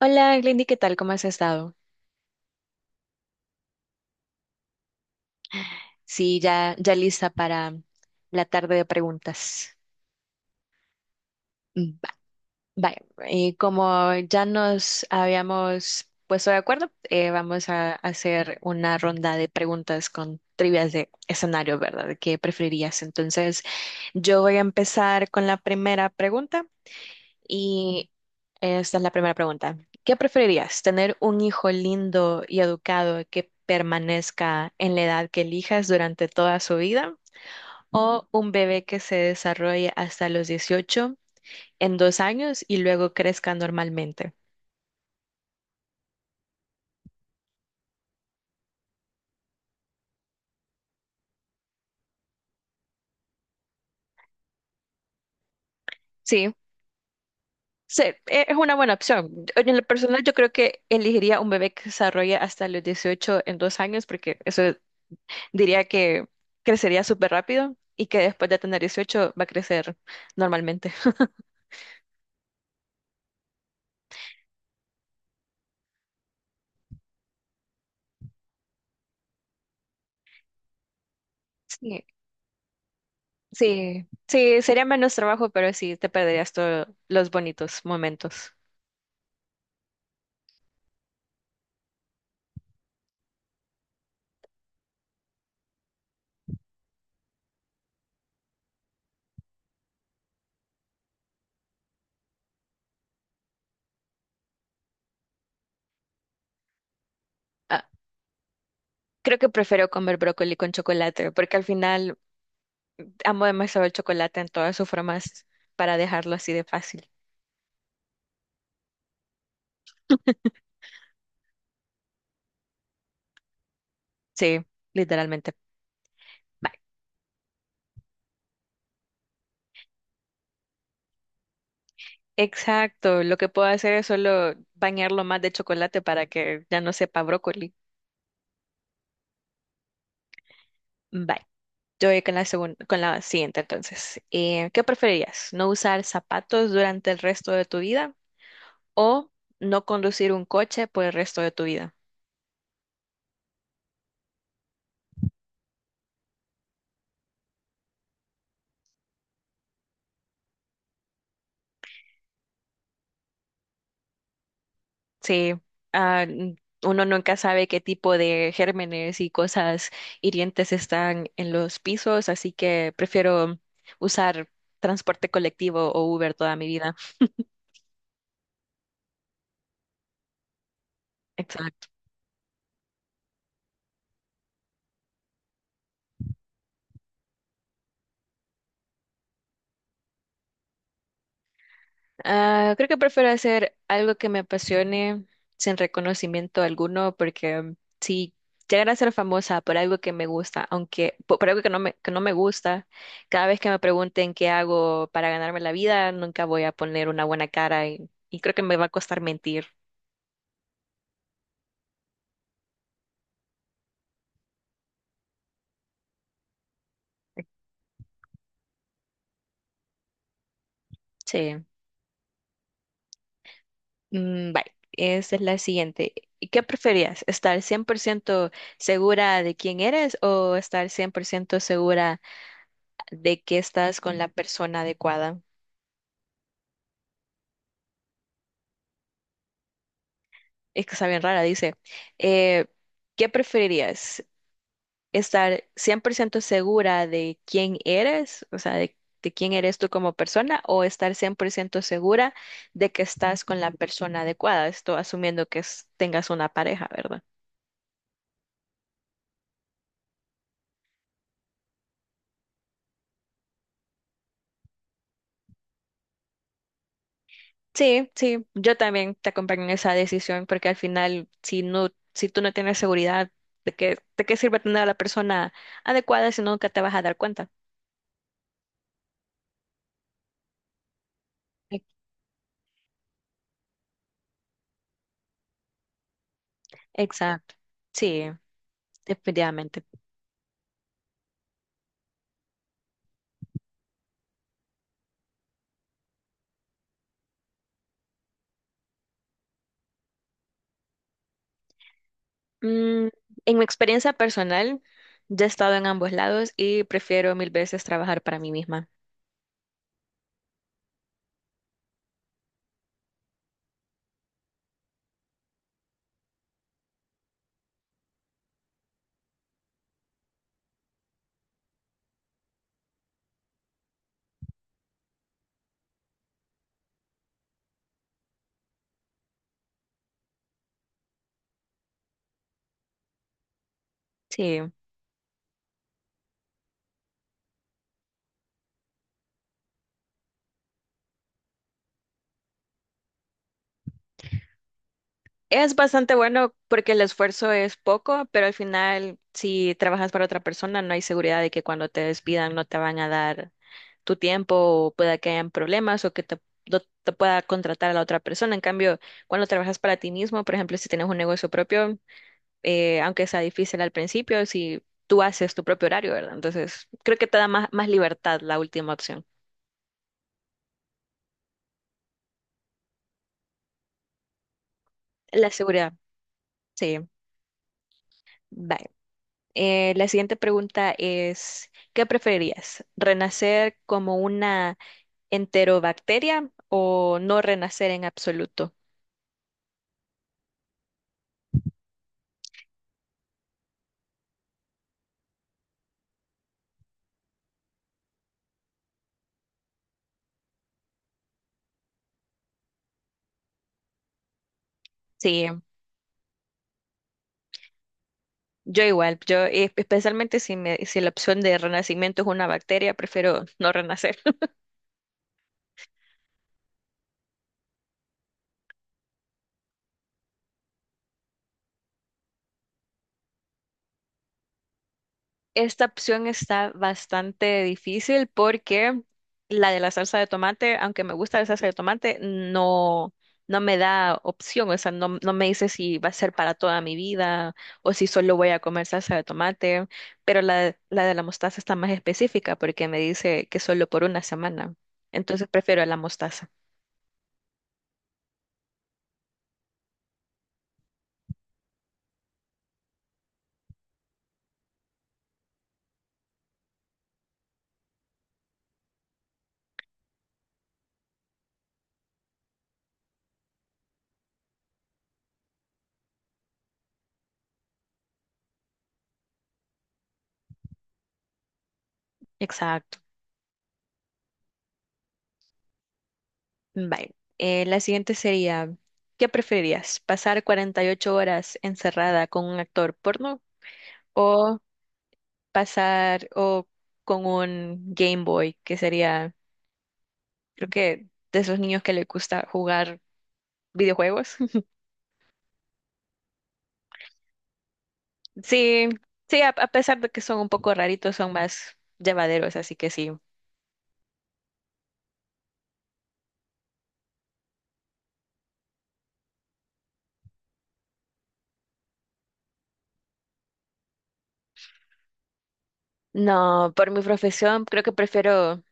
Hola, Glendy, ¿qué tal? ¿Cómo has estado? Sí, ya, ya lista para la tarde de preguntas. Mm, va- Vaya, como ya nos habíamos puesto de acuerdo, vamos a hacer una ronda de preguntas con trivias de escenario, ¿verdad? ¿De ¿Qué preferirías? Entonces, yo voy a empezar con la primera pregunta. Y Esta es la primera pregunta. ¿Qué preferirías? ¿Tener un hijo lindo y educado que permanezca en la edad que elijas durante toda su vida? ¿O un bebé que se desarrolle hasta los 18 en 2 años y luego crezca normalmente? Sí, sí, es una buena opción. En lo personal, yo creo que elegiría un bebé que se desarrolle hasta los 18 en dos años porque eso diría que crecería súper rápido y que después de tener 18 va a crecer normalmente. Sí, sí, sí, sería menos trabajo, pero sí, te perderías todos los bonitos momentos. Ah, creo que prefiero comer brócoli con chocolate, porque al final amo demasiado el chocolate en todas sus formas para dejarlo así de fácil. Sí, literalmente. Ba- Exacto, lo que puedo hacer es solo bañarlo más de chocolate para que ya no sepa brócoli. Bye. Yo voy con la segunda, con la siguiente entonces. ¿Qué preferirías? ¿No usar zapatos durante el resto de tu vida o no conducir un coche por el resto de tu vida? Sí, ah, n- uno nunca sabe qué tipo de gérmenes y cosas hirientes están en los pisos, así que prefiero usar transporte colectivo o Uber toda mi vida. Ah, creo que prefiero hacer algo que me apasione sin reconocimiento alguno, porque si llegara a ser famosa por algo que me gusta, aunque por algo que no me gusta, cada vez que me pregunten qué hago para ganarme la vida, nunca voy a poner una buena cara y creo que me va a costar mentir. Sí. Bye. Esa es la siguiente. ¿Qué preferías? ¿Estar 100% segura de quién eres o estar 100% segura de que estás con la persona adecuada? Es que está bien rara, dice, eh, ¿qué preferirías? ¿Estar 100% segura de quién eres, o sea, de quién eres tú como persona, o estar 100% segura de que estás con la persona adecuada? Esto asumiendo que tengas una pareja, ¿verdad? Sí, sí, yo también te acompaño en esa decisión porque al final, si tú no tienes seguridad, ¿ de qué sirve tener a la persona adecuada si no, nunca te vas a dar cuenta? E- Exacto, sí, definitivamente. Mm, en mi experiencia personal, ya he estado en ambos lados y prefiero mil veces trabajar para mí misma. Sí, es bastante bueno porque el esfuerzo es poco, pero al final, si trabajas para otra persona, no hay seguridad de que cuando te despidan no te van a dar tu tiempo o pueda que hayan problemas o que te, no te pueda contratar a la otra persona. En cambio, cuando trabajas para ti mismo, por ejemplo, si tienes un negocio propio, aunque sea difícil al principio, si tú haces tu propio horario, ¿verdad? Entonces, creo que te da más, más libertad la última opción. La seguridad, sí. Vale. La siguiente pregunta es, ¿qué preferirías? ¿Renacer como una enterobacteria o no renacer en absoluto? Sí, yo igual, yo especialmente si la opción de renacimiento es una bacteria, prefiero no renacer. Esta opción está bastante difícil porque la de la salsa de tomate, aunque me gusta la salsa de tomate, no, no me da opción, o sea, no, no me dice si va a ser para toda mi vida o si solo voy a comer salsa de tomate, pero la de la mostaza está más específica porque me dice que solo por una semana. Entonces prefiero la mostaza. Exacto. Vale. La siguiente sería, ¿qué preferirías? ¿Pasar 48 horas encerrada con un actor porno o o con un Game Boy, que sería, creo que de esos niños que les gusta jugar videojuegos? Sí, sí, a pesar de que son un poco raritos, son más llevaderos, así que sí. No, por mi profesión creo que prefiero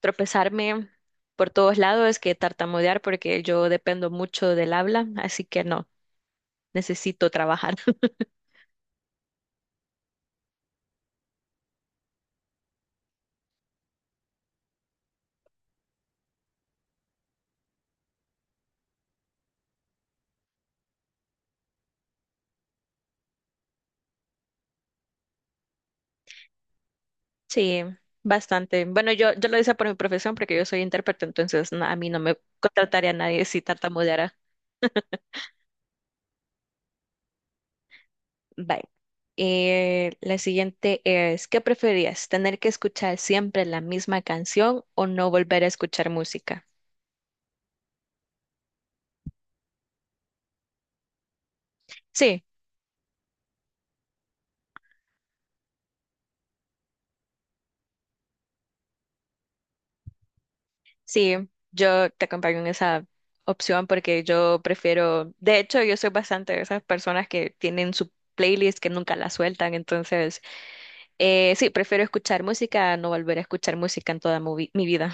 tropezarme por todos lados que tartamudear porque yo dependo mucho del habla, así que no, necesito trabajar. Sí, bastante. Bueno, yo lo hice por mi profesión porque yo soy intérprete, entonces a mí no me contrataría a nadie si tartamudeara. Bye. La siguiente es, ¿qué preferías? ¿Tener que escuchar siempre la misma canción o no volver a escuchar música? Sí, sí, yo te acompaño en esa opción porque yo prefiero, de hecho, yo soy bastante de esas personas que tienen su playlist que nunca la sueltan, entonces, sí, prefiero escuchar música a no volver a escuchar música en toda mi vida.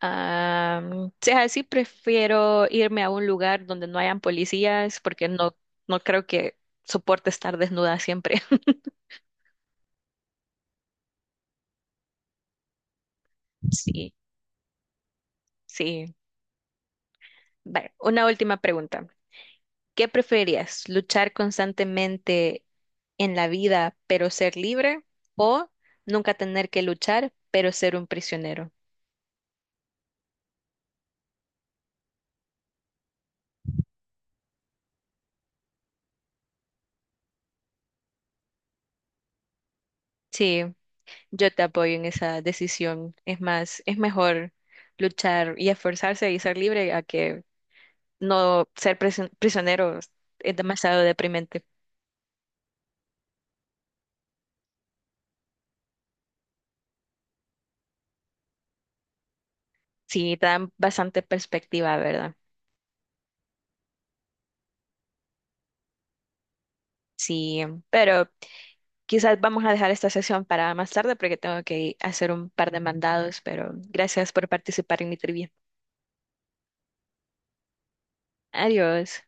Ah, si es así, prefiero irme a un lugar donde no hayan policías porque no, no creo que soporte estar desnuda siempre. Sí, sí. Vale, una última pregunta. ¿Qué preferirías? ¿Luchar constantemente en la vida pero ser libre o nunca tener que luchar pero ser un prisionero? Sí, yo te apoyo en esa decisión. Es más, es mejor luchar y esforzarse y ser libre a que no ser prisionero es demasiado deprimente. Sí, te dan bastante perspectiva, ¿verdad? Sí, pero quizás vamos a dejar esta sesión para más tarde porque tengo que hacer un par de mandados, pero gracias por participar en mi trivia. Adiós.